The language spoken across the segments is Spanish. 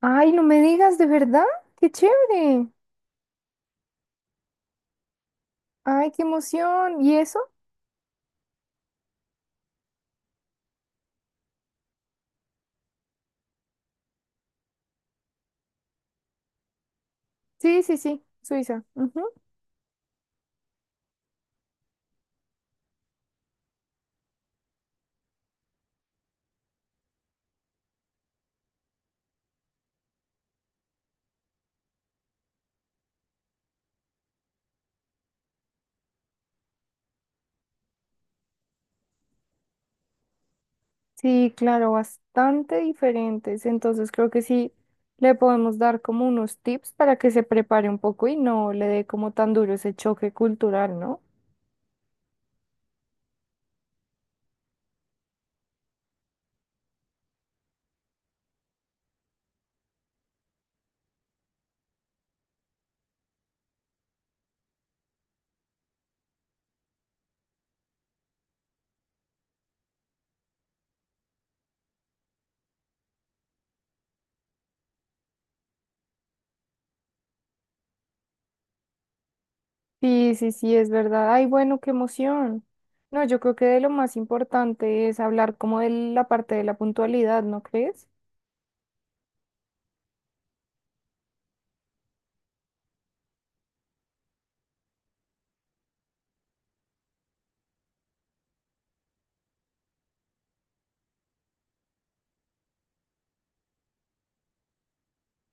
Ay, no me digas, ¿de verdad? ¡Qué chévere! ¡Ay, qué emoción! ¿Y eso? Sí, sí, sí, Suiza. Ujú. Sí, claro, bastante diferentes. Entonces creo que sí le podemos dar como unos tips para que se prepare un poco y no le dé como tan duro ese choque cultural, ¿no? Sí, sí, sí, es verdad. Ay, bueno, qué emoción. No, yo creo que de lo más importante es hablar como de la parte de la puntualidad, ¿no crees?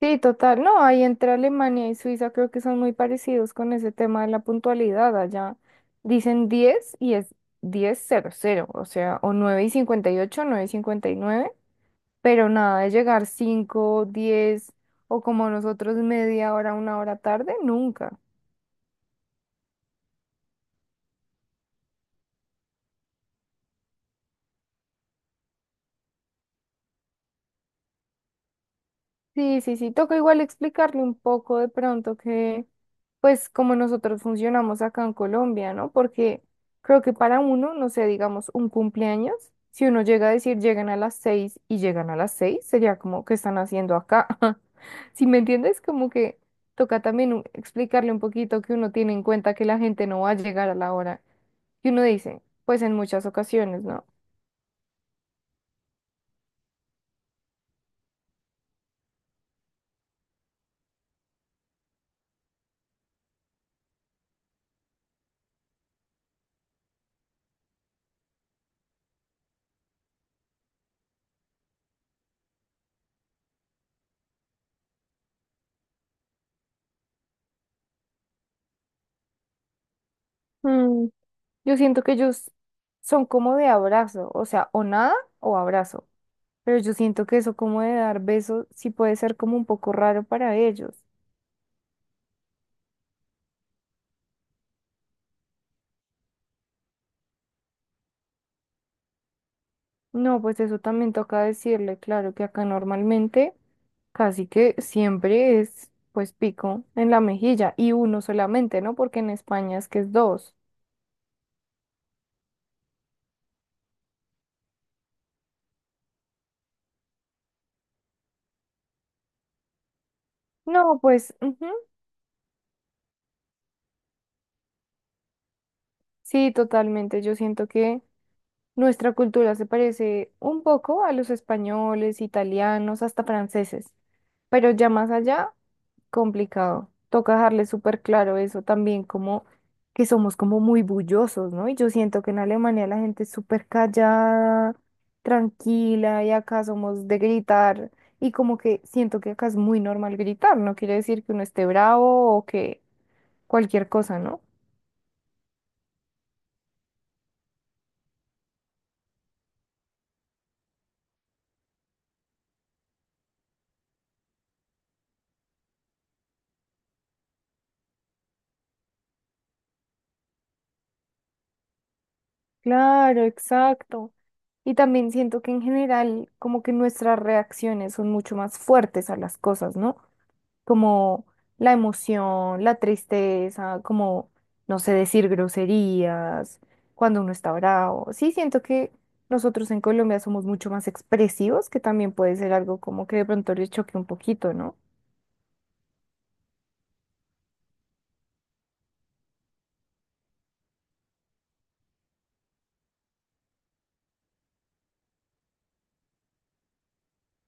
Sí, total. No, ahí entre Alemania y Suiza creo que son muy parecidos con ese tema de la puntualidad. Allá dicen 10 y es 10:00, o sea, o 9:58, 9:59, pero nada de llegar 5, 10 o como nosotros media hora, una hora tarde, nunca. Sí, sí, sí, toca igual explicarle un poco de pronto que, pues, como nosotros funcionamos acá en Colombia, ¿no? Porque creo que para uno, no sé, digamos, un cumpleaños, si uno llega a decir llegan a las seis y llegan a las seis, sería como, ¿qué están haciendo acá? Si me entiendes, como que toca también explicarle un poquito que uno tiene en cuenta que la gente no va a llegar a la hora que uno dice, pues en muchas ocasiones, ¿no? Mm, yo siento que ellos son como de abrazo, o sea, o nada o abrazo. Pero yo siento que eso como de dar besos sí puede ser como un poco raro para ellos. No, pues eso también toca decirle, claro que acá normalmente casi que siempre es pues pico en la mejilla y uno solamente, ¿no? Porque en España es que es dos. No, pues ujú, sí, totalmente. Yo siento que nuestra cultura se parece un poco a los españoles, italianos, hasta franceses. Pero ya más allá, complicado. Toca dejarle súper claro eso también, como que somos como muy bullosos, ¿no? Y yo siento que en Alemania la gente es súper callada, tranquila, y acá somos de gritar, y como que siento que acá es muy normal gritar, no quiere decir que uno esté bravo o que cualquier cosa, ¿no? Claro, exacto. Y también siento que en general como que nuestras reacciones son mucho más fuertes a las cosas, ¿no? Como la emoción, la tristeza, como, no sé, decir groserías, cuando uno está bravo. Sí, siento que nosotros en Colombia somos mucho más expresivos, que también puede ser algo como que de pronto les choque un poquito, ¿no?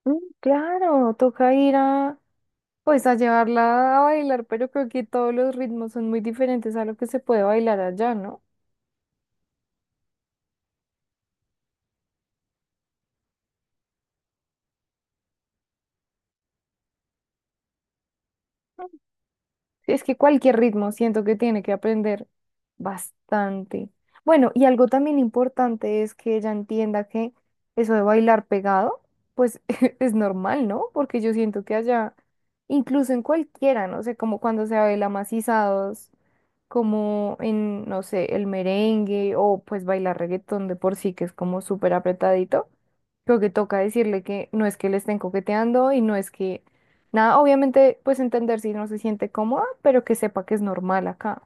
Mm, claro, toca ir a, pues a llevarla a bailar, pero creo que todos los ritmos son muy diferentes a lo que se puede bailar allá, ¿no? Sí, es que cualquier ritmo siento que tiene que aprender bastante. Bueno, y algo también importante es que ella entienda que eso de bailar pegado, pues es normal, ¿no? Porque yo siento que allá, incluso en cualquiera, no sé, como cuando se baila macizados, como en, no sé, el merengue o pues bailar reggaetón de por sí, que es como súper apretadito, creo que toca decirle que no es que le estén coqueteando y no es que nada, obviamente pues entender si no se siente cómoda, pero que sepa que es normal acá.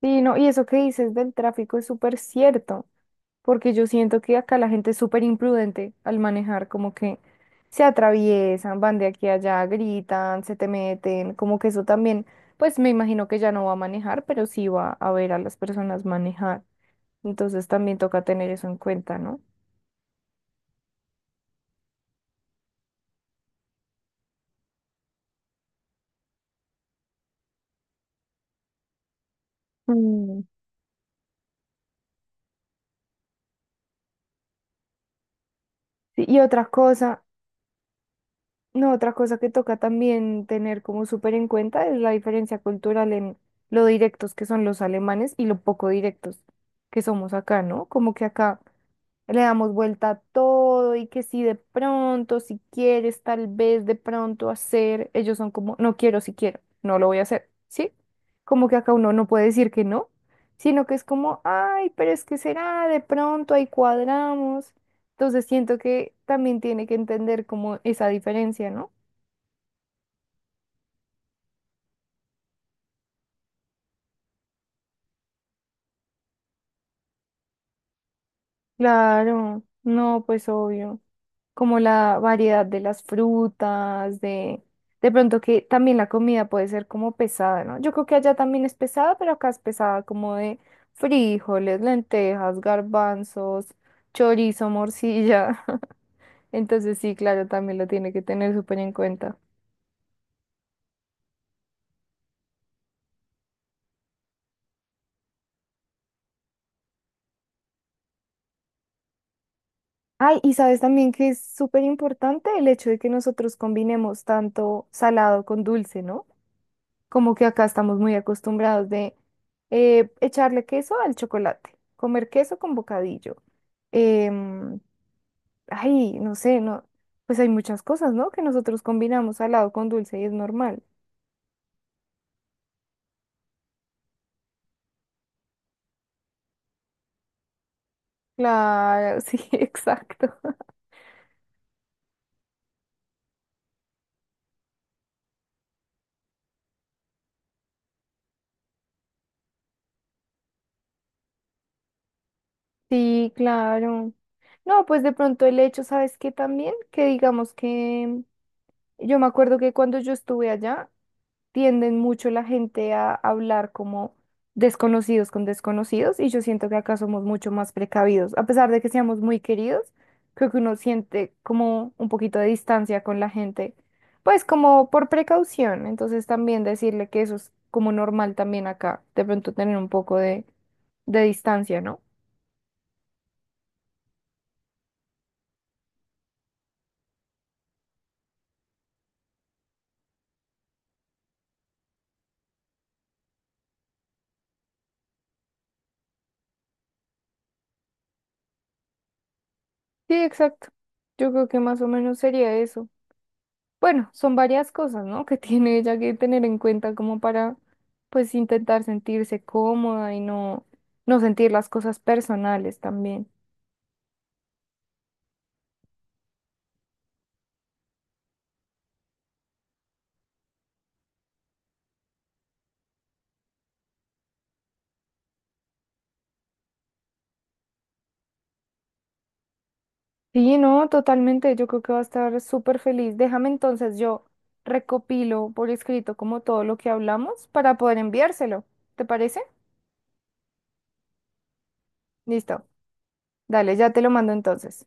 Sí, no, y eso que dices del tráfico es súper cierto. Porque yo siento que acá la gente es súper imprudente al manejar, como que se atraviesan, van de aquí a allá, gritan, se te meten, como que eso también, pues me imagino que ya no va a manejar, pero sí va a ver a las personas manejar. Entonces también toca tener eso en cuenta, ¿no? Mm, sí, y otra cosa, no, otra cosa que toca también tener como súper en cuenta es la diferencia cultural en lo directos que son los alemanes y lo poco directos que somos acá, ¿no? Como que acá le damos vuelta a todo y que si de pronto, si quieres, tal vez de pronto hacer, ellos son como, no quiero, si quiero, no lo voy a hacer, ¿sí? Como que acá uno no puede decir que no, sino que es como, ay, pero es que será, de pronto ahí cuadramos. Entonces siento que también tiene que entender como esa diferencia, ¿no? Claro, no, pues obvio. Como la variedad de las frutas, de pronto que también la comida puede ser como pesada, ¿no? Yo creo que allá también es pesada, pero acá es pesada como de frijoles, lentejas, garbanzos, chorizo, morcilla. Entonces sí, claro, también lo tiene que tener súper en cuenta. Ay, y sabes también que es súper importante el hecho de que nosotros combinemos tanto salado con dulce, ¿no? Como que acá estamos muy acostumbrados de echarle queso al chocolate, comer queso con bocadillo. em, Ay, no sé, no, pues hay muchas cosas, ¿no? Que nosotros combinamos salado con dulce y es normal. Claro, sí, exacto. Sí, claro. No, pues de pronto el hecho, ¿sabes qué también? Que digamos que yo me acuerdo que cuando yo estuve allá, tienden mucho la gente a hablar como desconocidos con desconocidos y yo siento que acá somos mucho más precavidos. A pesar de que seamos muy queridos, creo que uno siente como un poquito de distancia con la gente, pues como por precaución. Entonces también decirle que eso es como normal también acá, de pronto tener un poco de distancia, ¿no? Sí, exacto. Yo creo que más o menos sería eso. Bueno, son varias cosas, ¿no? Que tiene ella que tener en cuenta como para, pues, intentar sentirse cómoda y no, no sentir las cosas personales también. Sí, no, totalmente. Yo creo que va a estar súper feliz. Déjame entonces, yo recopilo por escrito como todo lo que hablamos para poder enviárselo. ¿Te parece? Listo. Dale, ya te lo mando entonces.